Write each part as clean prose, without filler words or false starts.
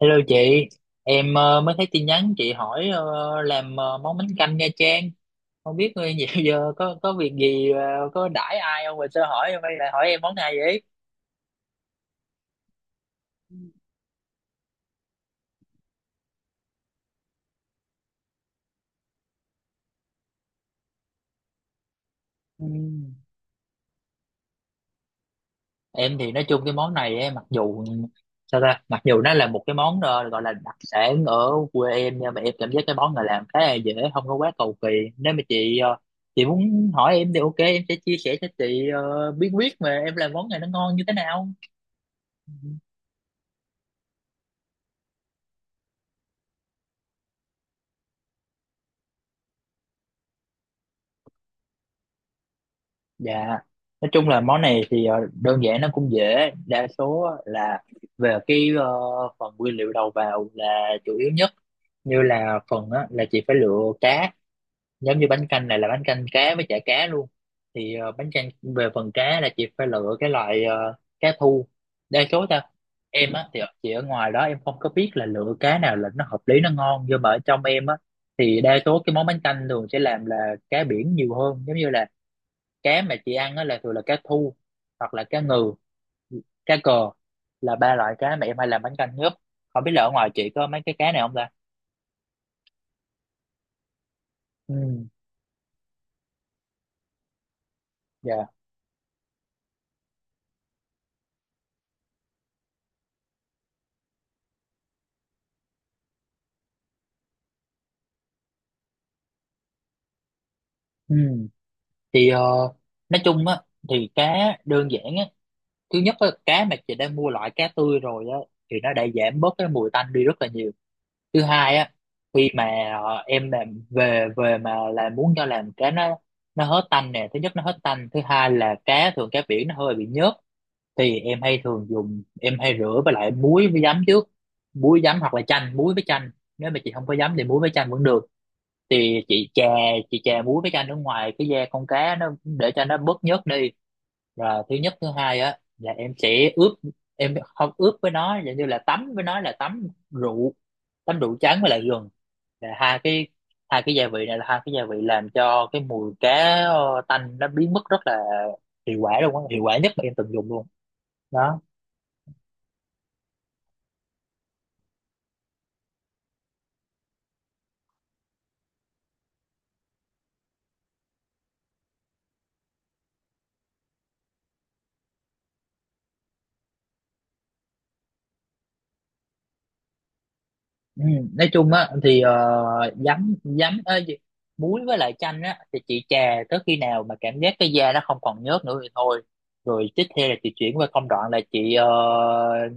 Hello chị, em mới thấy tin nhắn chị hỏi làm món bánh canh Nha Trang. Không biết người dạo giờ có việc gì có đãi ai không mà sao hỏi em hay lại hỏi em món này vậy? Ừ. Em thì nói chung cái món này ấy, mặc dù sao ta, mặc dù nó là một cái món gọi là đặc sản ở quê em nhưng mà em cảm giác cái món này làm khá là dễ, không có quá cầu kỳ. Nếu mà chị chị muốn hỏi em thì ok, em sẽ chia sẻ cho chị bí quyết mà em làm món này nó ngon như thế nào. Dạ, nói chung là món này thì đơn giản nó cũng dễ, đa số á là về cái phần nguyên liệu đầu vào là chủ yếu nhất, như là phần á, là chị phải lựa cá, giống như bánh canh này là bánh canh cá với chả cá luôn, thì bánh canh về phần cá là chị phải lựa cái loại cá thu, đa số ta em á thì chị ở ngoài đó em không có biết là lựa cá nào là nó hợp lý nó ngon, nhưng mà ở trong em á thì đa số cái món bánh canh thường sẽ làm là cá biển nhiều hơn, giống như là cá mà chị ăn á là thường là cá thu hoặc là cá ngừ, cá cờ là ba loại cá mà em hay làm bánh canh nhất. Không biết là ở ngoài chị có mấy cái cá này không ta. Ừ, dạ, ừ, thì nói chung á thì cá đơn giản á, thứ nhất á cá mà chị đã mua loại cá tươi rồi á thì nó đã giảm bớt cái mùi tanh đi rất là nhiều. Thứ hai á, khi mà em làm về về mà là muốn cho làm cá nó hết tanh nè, thứ nhất nó hết tanh, thứ hai là cá thường cá biển nó hơi bị nhớt thì em hay thường dùng, em hay rửa với lại muối với giấm trước, muối giấm hoặc là chanh, muối với chanh. Nếu mà chị không có giấm thì muối với chanh vẫn được. Thì chị chà, chị chà muối với chanh ở ngoài cái da con cá nó để cho nó bớt nhớt đi. Rồi thứ nhất thứ hai á là em sẽ ướp, em không ướp với nó giống như là tắm với nó, là tắm rượu, tắm rượu trắng với lại gừng, là hai cái, hai cái gia vị này là hai cái gia vị làm cho cái mùi cá tanh nó biến mất rất là hiệu quả luôn á, hiệu quả nhất mà em từng dùng luôn đó. Ừ, nói chung á thì giấm giấm muối với lại chanh á thì chị chà tới khi nào mà cảm giác cái da nó không còn nhớt nữa thì thôi. Rồi tiếp theo là chị chuyển qua công đoạn là chị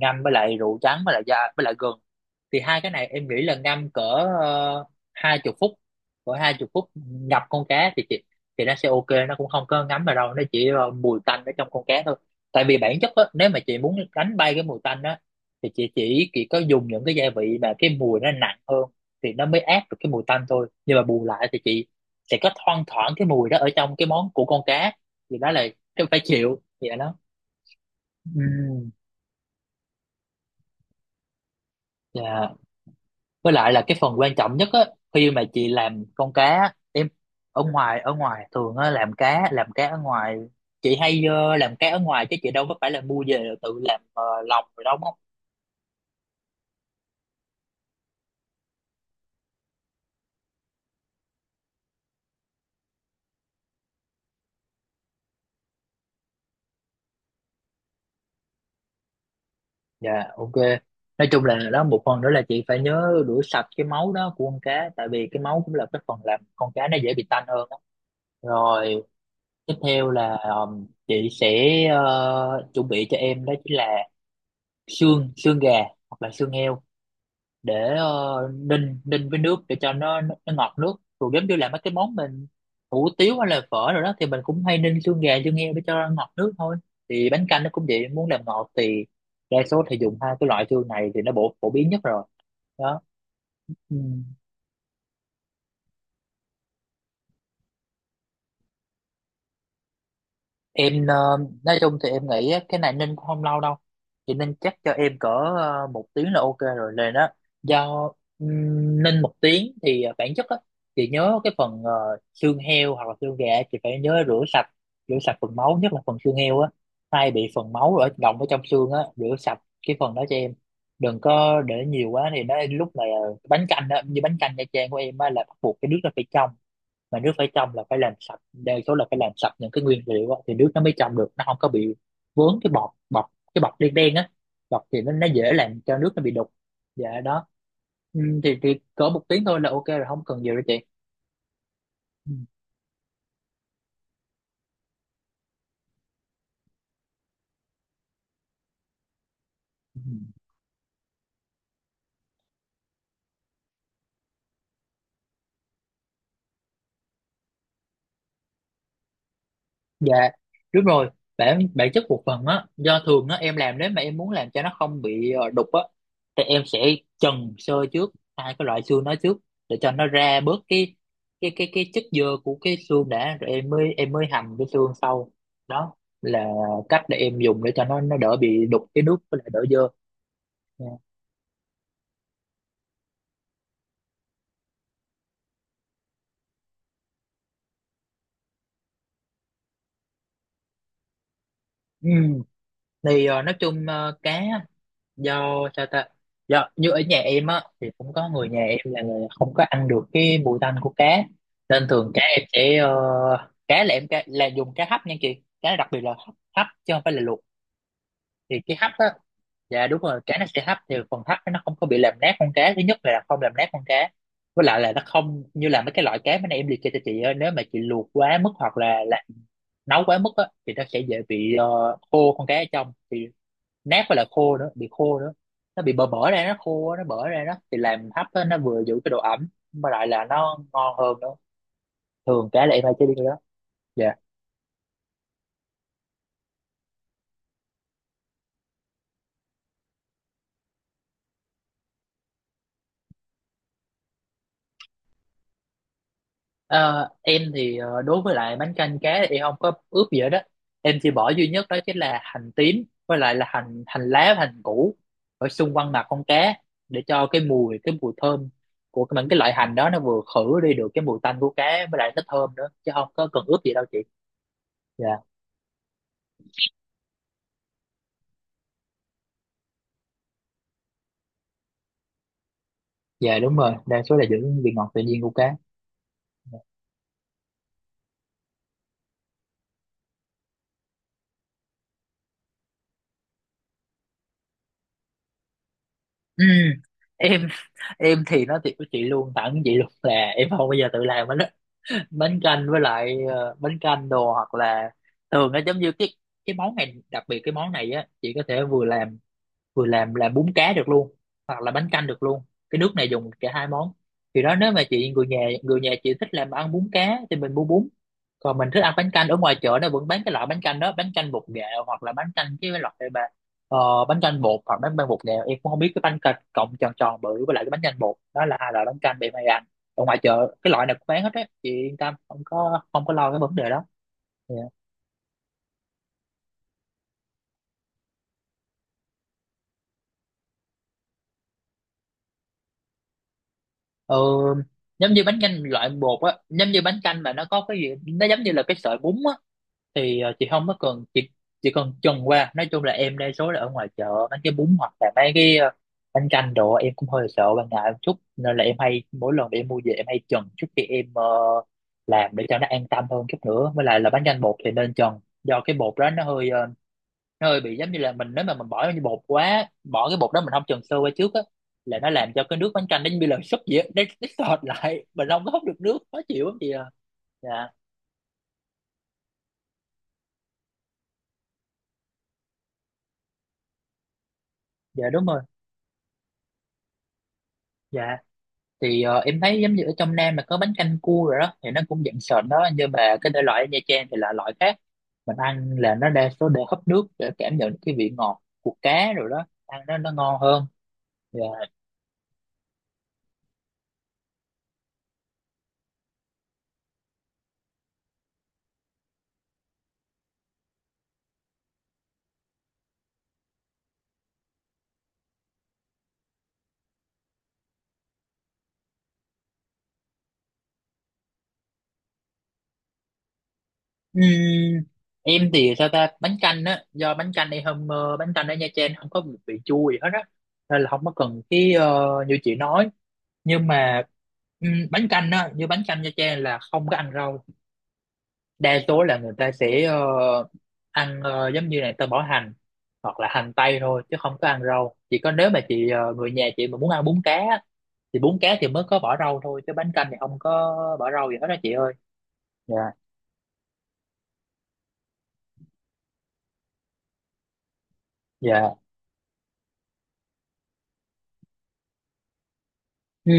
ngâm với lại rượu trắng với lại da với lại gừng, thì hai cái này em nghĩ là ngâm cỡ uh, 20 phút, cỡ 20 phút ngập con cá thì chị, thì nó sẽ ok, nó cũng không có ngấm vào đâu, nó chỉ mùi tanh ở trong con cá thôi. Tại vì bản chất á, nếu mà chị muốn đánh bay cái mùi tanh á thì chị chỉ có dùng những cái gia vị mà cái mùi nó nặng hơn thì nó mới át được cái mùi tanh thôi. Nhưng mà bù lại thì chị sẽ có thoang thoảng cái mùi đó ở trong cái món của con cá, thì đó là cái phải chịu vậy đó. Ừm, dạ. Với lại là cái phần quan trọng nhất á, khi mà chị làm con cá á, em ở ngoài thường á làm cá, làm cá ở ngoài, chị hay làm cá ở ngoài chứ chị đâu có phải là mua về tự làm lòng rồi đâu. Dạ, ok. Nói chung là đó, một phần nữa là chị phải nhớ rửa sạch cái máu đó của con cá tại vì cái máu cũng là cái phần làm con cá nó dễ bị tanh hơn đó. Rồi tiếp theo là chị sẽ chuẩn bị cho em đó chính là xương xương gà hoặc là xương heo để ninh ninh với nước để cho nó ngọt nước. Rồi giống như là mấy cái món mình hủ tiếu hay là phở rồi đó thì mình cũng hay ninh xương gà xương heo để cho ngọt nước thôi, thì bánh canh nó cũng vậy, muốn làm ngọt thì đa số thì dùng hai cái loại xương này thì nó bổ phổ biến nhất rồi đó. Ừ. Em nói chung thì em nghĩ á, cái này Ninh cũng không lâu đâu, thì Ninh chắc cho em cỡ 1 tiếng là ok rồi lên đó. Do Ninh 1 tiếng thì bản chất á, chị nhớ cái phần xương heo hoặc là xương gà, chị phải nhớ rửa sạch, rửa sạch phần máu, nhất là phần xương heo á hay bị phần máu ở động ở trong xương á, rửa sạch cái phần đó cho em, đừng có để nhiều quá thì nó lúc này bánh canh á, như bánh canh Nha Trang của em á là bắt buộc cái nước nó phải trong, mà nước phải trong là phải làm sạch, đa số là phải làm sạch những cái nguyên liệu á, thì nước nó mới trong được, nó không có bị vướng cái bọt bọt cái bọt đen đen á, bọt thì nó dễ làm cho nước nó bị đục. Dạ đó. Ừ, thì cỡ 1 tiếng thôi là ok rồi không cần nhiều đâu chị. Ừ. Ừ. Ừ. Dạ đúng rồi, bản bản chất một phần á do thường á em làm nếu mà em muốn làm cho nó không bị đục á thì em sẽ trần sơ trước hai cái loại xương đó trước để cho nó ra bớt cái chất dơ của cái xương đã rồi em mới hầm cái xương sau. Đó là cách để em dùng để cho nó đỡ bị đục cái nước với lại đỡ dơ. Dạ. Ừ. Thì nói chung cá, do sao ta, do như ở nhà em á thì cũng có người nhà em là người không có ăn được cái mùi tanh của cá nên thường cá em sẽ cá là em cá, là dùng cá hấp nha chị, cá đặc biệt là hấp, hấp chứ không phải là luộc. Thì cái hấp á, dạ đúng rồi cá nó sẽ hấp thì phần hấp nó không có bị làm nát con cá, thứ nhất là không làm nát con cá, với lại là nó không như là mấy cái loại cá bên em liệt kê cho chị á, nếu mà chị luộc quá mức hoặc là nấu quá mức á thì nó sẽ dễ bị khô con cá ở trong, thì nát với là khô nữa, bị khô nữa, nó bị bở bở ra, nó khô nó bở ra đó, thì làm hấp á, nó vừa giữ cái độ ẩm mà lại là nó ngon hơn nữa. Thường cá là em hay chế biến cái đó. Dạ. Ờ, em thì đối với lại bánh canh cá thì em không có ướp gì hết đó, em chỉ bỏ duy nhất đó chính là hành tím với lại là hành hành lá và hành củ ở xung quanh mặt con cá để cho cái mùi, cái mùi thơm những cái loại hành đó nó vừa khử đi được cái mùi tanh của cá với lại nó thơm nữa chứ không có cần ướp gì đâu chị. Dạ. Dạ đúng rồi, đa số là giữ vị ngọt tự nhiên của cá. Ừ, em em thì nói thiệt với chị luôn, thẳng với chị luôn là em không bao giờ tự làm bánh, bánh canh với lại bánh canh đồ hoặc là thường nó giống như cái món này, đặc biệt cái món này á chị có thể vừa làm, vừa làm bún cá được luôn hoặc là bánh canh được luôn. Cái nước này dùng cả hai món, thì đó nếu mà chị người nhà, người nhà chị thích làm ăn bún cá thì mình mua bún, còn mình thích ăn bánh canh ở ngoài chợ nó vẫn bán cái loại bánh canh đó, bánh canh bột nghệ hoặc là bánh canh cái loại mà bánh canh bột hoặc bánh bánh bột nghệ em cũng không biết, cái bánh canh cọng tròn tròn bự với lại cái bánh canh bột đó là hai loại bánh canh để mày ăn ở ngoài chợ. Cái loại này cũng bán hết á, chị yên tâm, không có lo cái vấn đề đó. Dạ. Ờ, Giống như bánh canh loại bột á, giống như bánh canh mà nó có cái gì nó giống như là cái sợi bún á, thì chị không có cần chỉ cần trần qua. Nói chung là em đa số là ở ngoài chợ mấy cái bún hoặc là mấy cái bánh canh đồ em cũng hơi sợ và ngại một chút, nên là em hay mỗi lần để em mua về em hay trần trước khi em làm, để cho nó an tâm hơn chút nữa. Với lại là bánh canh bột thì nên trần, do cái bột đó nó hơi nó hơi bị giống như là mình, nếu mà mình bỏ như bột quá, bỏ cái bột đó mình không chần sơ qua trước á là nó làm cho cái nước bánh canh nó như là súp vậy á, nó sệt lại, mình không có hút được nước, khó chịu lắm chị à. Dạ. Dạ đúng rồi. Dạ, thì em thấy giống như ở trong Nam mà có bánh canh cua rồi đó thì nó cũng dạng sệt đó, nhưng mà cái thể loại ở Nha Trang thì là loại khác. Mình ăn là nó đa số để hấp nước để cảm nhận cái vị ngọt của cá rồi đó, ăn nó ngon hơn. Dạ. Ừm, em thì sao ta, bánh canh á, do bánh canh đây hôm bánh canh ở Nha Trang không có một vị chua gì hết á, nên là không có cần cái như chị nói. Nhưng mà bánh canh á, như bánh canh Nha Trang là không có ăn rau. Đa số là người ta sẽ ăn giống như này ta bỏ hành hoặc là hành tây thôi chứ không có ăn rau. Chỉ có nếu mà chị người nhà chị mà muốn ăn bún cá á, thì bún cá thì mới có bỏ rau thôi, chứ bánh canh thì không có bỏ rau gì hết đó chị ơi. Dạ. Dạ. Ừ.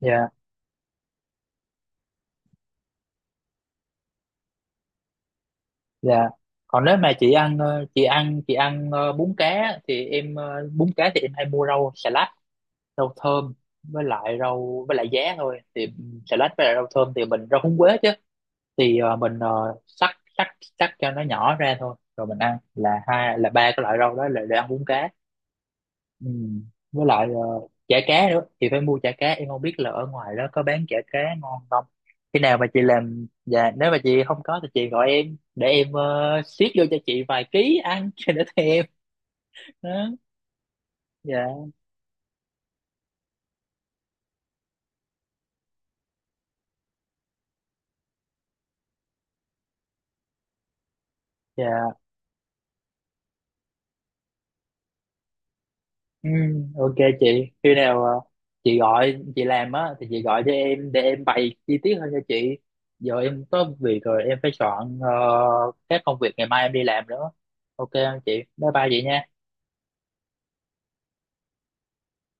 Dạ. Dạ. Còn nếu mà chị ăn chị ăn bún cá thì em bún cá thì em hay mua rau xà lách, rau thơm với lại rau với lại giá thôi. Thì xà lách với lại rau thơm thì mình rau húng quế chứ, thì mình cắt cắt cắt cho nó nhỏ ra thôi, rồi mình ăn là hai là ba cái loại rau đó là để ăn bún cá. Ừ. Với lại chả cá nữa, chị phải mua chả cá. Em không biết là ở ngoài đó có bán chả cá ngon không, khi nào mà chị làm. Dạ, nếu mà chị không có thì chị gọi em để em xiết vô cho chị vài ký ăn cho đỡ thèm đó. Dạ. Dạ. Ừ, ok chị, khi nào chị gọi chị làm á thì chị gọi cho em để em bày chi tiết hơn cho chị. Giờ em có việc rồi, em phải soạn các công việc ngày mai em đi làm nữa. Ok không chị? Bye bye chị nha.